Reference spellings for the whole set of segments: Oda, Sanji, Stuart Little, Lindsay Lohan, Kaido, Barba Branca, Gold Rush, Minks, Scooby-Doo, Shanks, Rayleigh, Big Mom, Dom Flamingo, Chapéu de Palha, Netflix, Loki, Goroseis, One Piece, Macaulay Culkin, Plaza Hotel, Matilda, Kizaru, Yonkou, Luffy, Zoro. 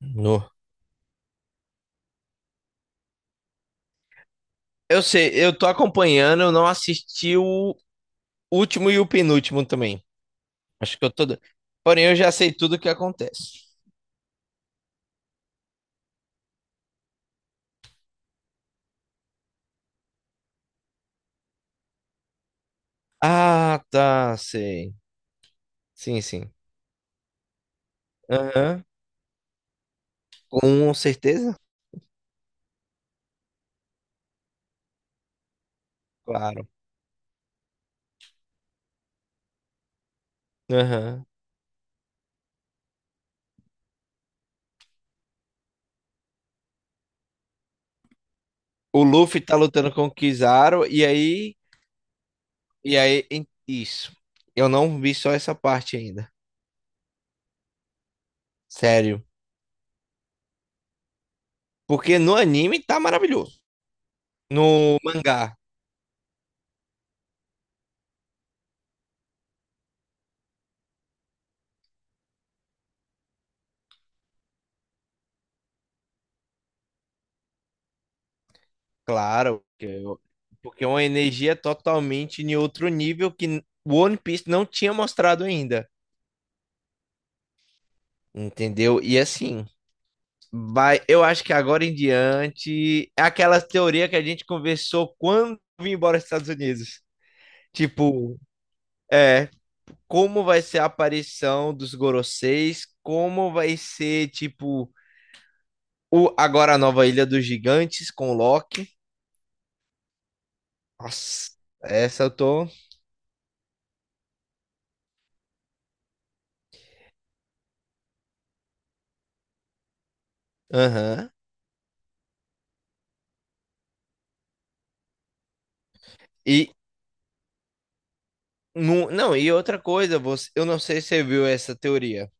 No. Eu sei, eu tô acompanhando, eu não assisti o último e o penúltimo também. Acho que eu tô. Porém, eu já sei tudo o que acontece. Ah, tá, sei. Sim, sim. Aham. Com certeza? Claro. Aham. O Luffy tá lutando com o Kizaru e aí. E aí. Isso. Eu não vi só essa parte ainda. Sério. Porque no anime tá maravilhoso. No mangá. Claro, porque é uma energia totalmente em outro nível que o One Piece não tinha mostrado ainda, entendeu? E assim, vai, eu acho que agora em diante, é aquela teoria que a gente conversou quando eu vim embora dos Estados Unidos. Tipo, é, como vai ser a aparição dos Goroseis, como vai ser, tipo, agora a nova Ilha dos Gigantes com o Loki. Nossa, essa eu tô. Aham. E, Não, não, e outra coisa, você, eu não sei se você viu essa teoria.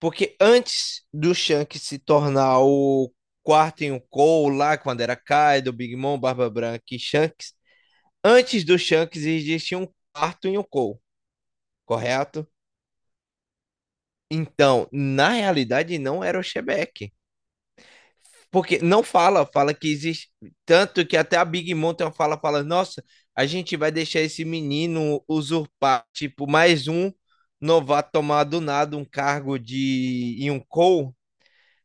Porque antes do Shanks se tornar o quarto em um Cole lá, quando era Kaido, Big Mom, Barba Branca e Shanks, antes do Shanks existia um quarto em um Cole, correto? Então, na realidade, não era o Shebeck. Porque não fala, fala que existe. Tanto que até a Big Mom tem uma fala, fala, nossa, a gente vai deixar esse menino usurpar, tipo, mais um novato tomar do nada um cargo de Yonkou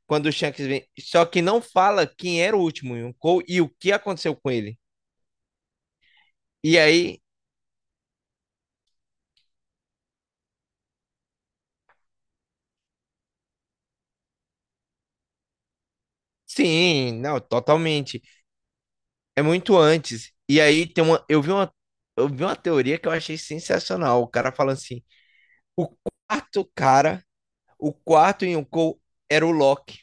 quando o Shanks vem. Só que não fala quem era o último Yonkou e o que aconteceu com ele. E aí, sim, não, totalmente. É muito antes. E aí tem uma. Eu vi uma teoria que eu achei sensacional. O cara falando assim: o quarto cara O quarto Yonkou era o Loki.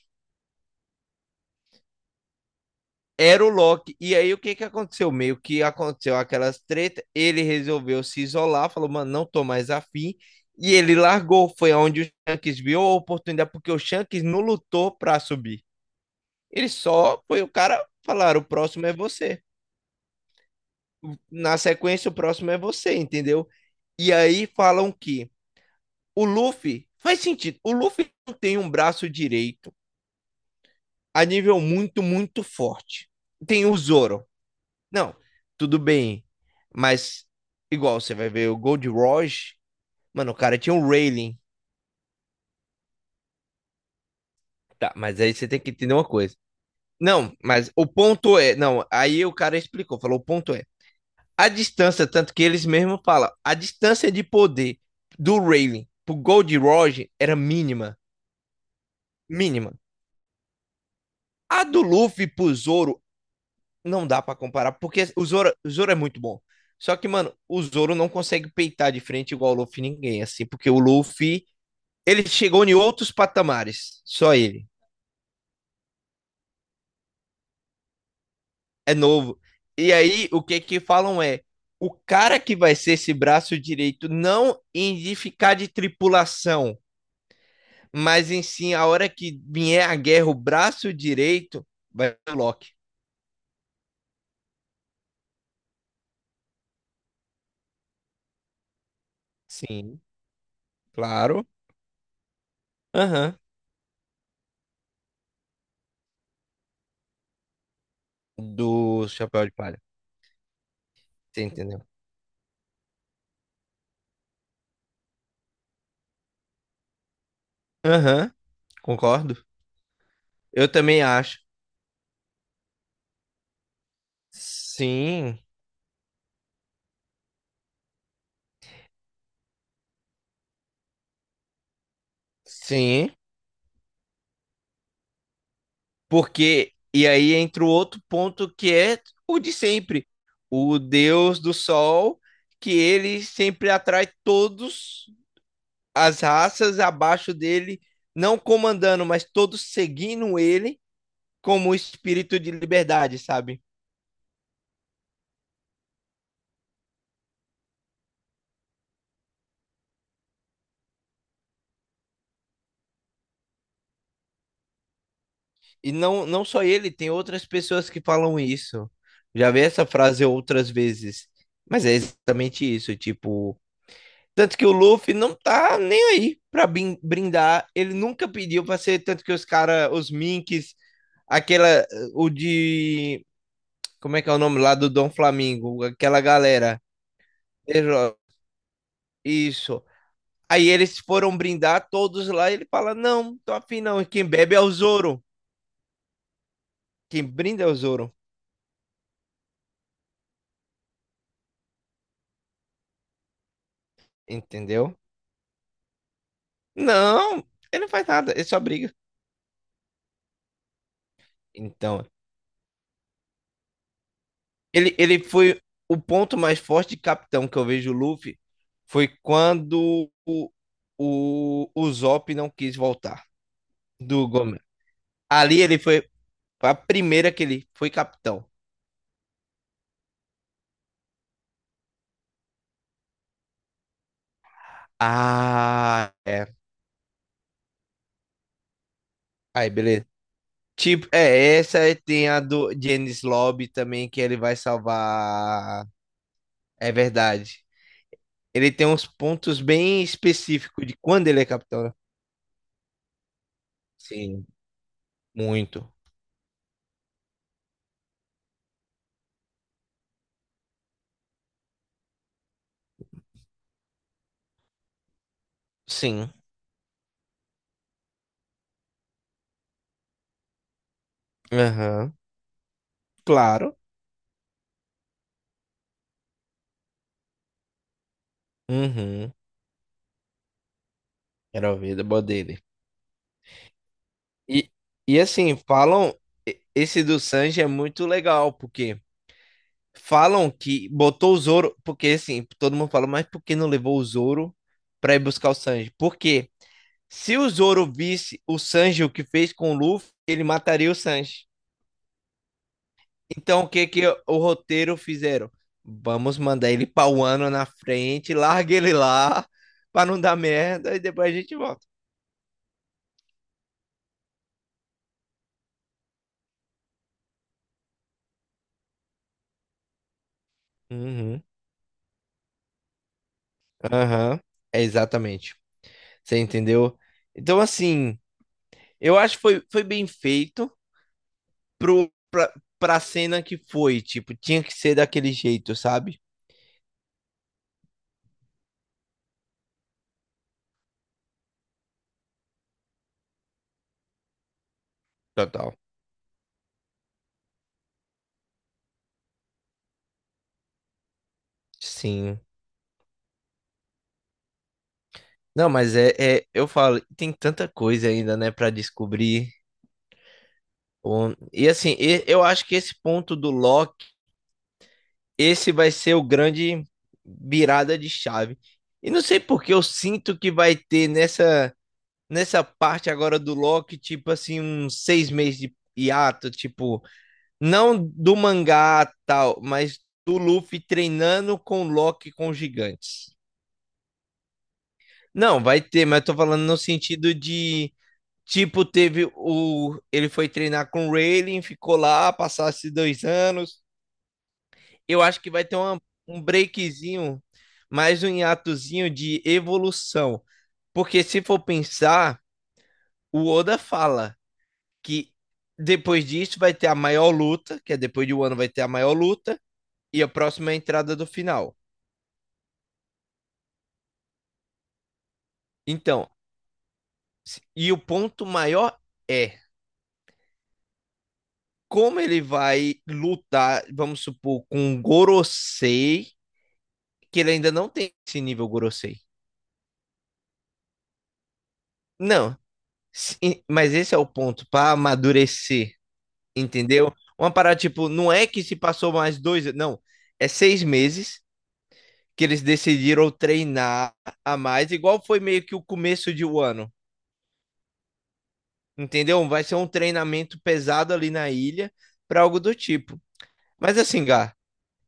Era o Loki. E aí o que que aconteceu? Meio que aconteceu aquelas tretas, ele resolveu se isolar, falou, mano, não tô mais afim. E ele largou. Foi onde o Shanks viu a oportunidade, porque o Shanks não lutou pra subir. Ele só foi o cara falar, o próximo é você. Na sequência, o próximo é você, entendeu? E aí falam que o Luffy faz sentido. O Luffy não tem um braço direito a nível muito, muito forte. Tem o Zoro. Não, tudo bem. Mas, igual, você vai ver o Gold Rush. Mano, o cara tinha um railing. Tá, mas aí você tem que entender uma coisa. Não, mas o ponto é. Não, aí o cara explicou, falou: o ponto é. A distância, tanto que eles mesmos falam, a distância de poder do railing pro Gold Rush era mínima. Mínima. A do Luffy pro Zoro não dá pra comparar, porque o Zoro é muito bom. Só que, mano, o Zoro não consegue peitar de frente igual o Luffy ninguém, assim, porque o Luffy. Ele chegou em outros patamares, só ele. É novo. E aí, o que que falam é, o cara que vai ser esse braço direito, não em de ficar de tripulação, mas em sim, a hora que vier a guerra, o braço direito vai ser o Loki. Sim, claro. Aham. Do Chapéu de Palha. Você entendeu? Aham, concordo. Eu também acho. Sim, sim. Porque, e aí entra o outro ponto que é o de sempre. O deus do sol, que ele sempre atrai todos as raças abaixo dele, não comandando, mas todos seguindo ele como espírito de liberdade, sabe? E não, não só ele, tem outras pessoas que falam isso. Já vi essa frase outras vezes. Mas é exatamente isso, tipo, tanto que o Luffy não tá nem aí pra brindar. Ele nunca pediu pra ser. Tanto que os caras, os Minks, aquela. O de. Como é que é o nome lá do Dom Flamingo? Aquela galera. Ele- Isso. Aí eles foram brindar todos lá, e ele fala: Não, tô afim não. E quem bebe é o Zoro. Quem brinda é o Zoro. Entendeu? Não, ele não faz nada. Ele só briga. Então, ele foi o ponto mais forte de capitão que eu vejo o Luffy foi quando o Zop não quis voltar do Gomer. Ali ele foi a primeira que ele foi capitão. Ah, é. Aí, beleza. Tipo, é, essa aí tem a do Janice Lobby também, que ele vai salvar. É verdade. Ele tem uns pontos bem específicos de quando ele é capitão, né? Sim, muito. Sim. Aham. Claro. Uhum. Quero ver, da boa dele. E, e assim, falam. Esse do Sanji é muito legal, porque falam que botou o Zoro. Porque assim, todo mundo fala, mas por que não levou o Zoro pra ir buscar o Sanji? Porque se o Zoro visse o Sanji o que fez com o Luffy, ele mataria o Sanji. Então, o que que o roteiro fizeram? Vamos mandar ele pra um ano na frente, larga ele lá, pra não dar merda, e depois a gente volta. Uhum, aham, é exatamente. Você entendeu? Então, assim, eu acho que foi bem feito pro, pra, pra cena que foi. Tipo, tinha que ser daquele jeito, sabe? Total. Sim. Não, mas é, eu falo, tem tanta coisa ainda, né, pra descobrir. O E assim, eu acho que esse ponto do Loki, esse vai ser o grande virada de chave. E não sei porque eu sinto que vai ter nessa, parte agora do Loki, tipo assim, uns 6 meses de hiato, tipo. Não do mangá tal, mas do Luffy treinando com o Loki com os gigantes. Não, vai ter, mas eu tô falando no sentido de. Tipo, teve o. Ele foi treinar com o Rayleigh, ficou lá, passasse 2 anos. Eu acho que vai ter um breakzinho, mais um hiatozinho de evolução. Porque se for pensar, o Oda fala que depois disso vai ter a maior luta, que é depois de um ano vai ter a maior luta, e a próxima é a entrada do final. Então, e o ponto maior é como ele vai lutar, vamos supor, com o Gorosei, que ele ainda não tem esse nível Gorosei. Não, mas esse é o ponto para amadurecer, entendeu? Uma parada tipo, não é que se passou mais dois, não, é 6 meses que eles decidiram treinar a mais, igual foi meio que o começo de um ano, entendeu? Vai ser um treinamento pesado ali na ilha, para algo do tipo. Mas assim, Gá.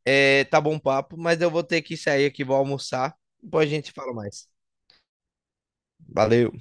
É, tá bom papo, mas eu vou ter que sair aqui, vou almoçar. Depois a gente fala mais. Valeu.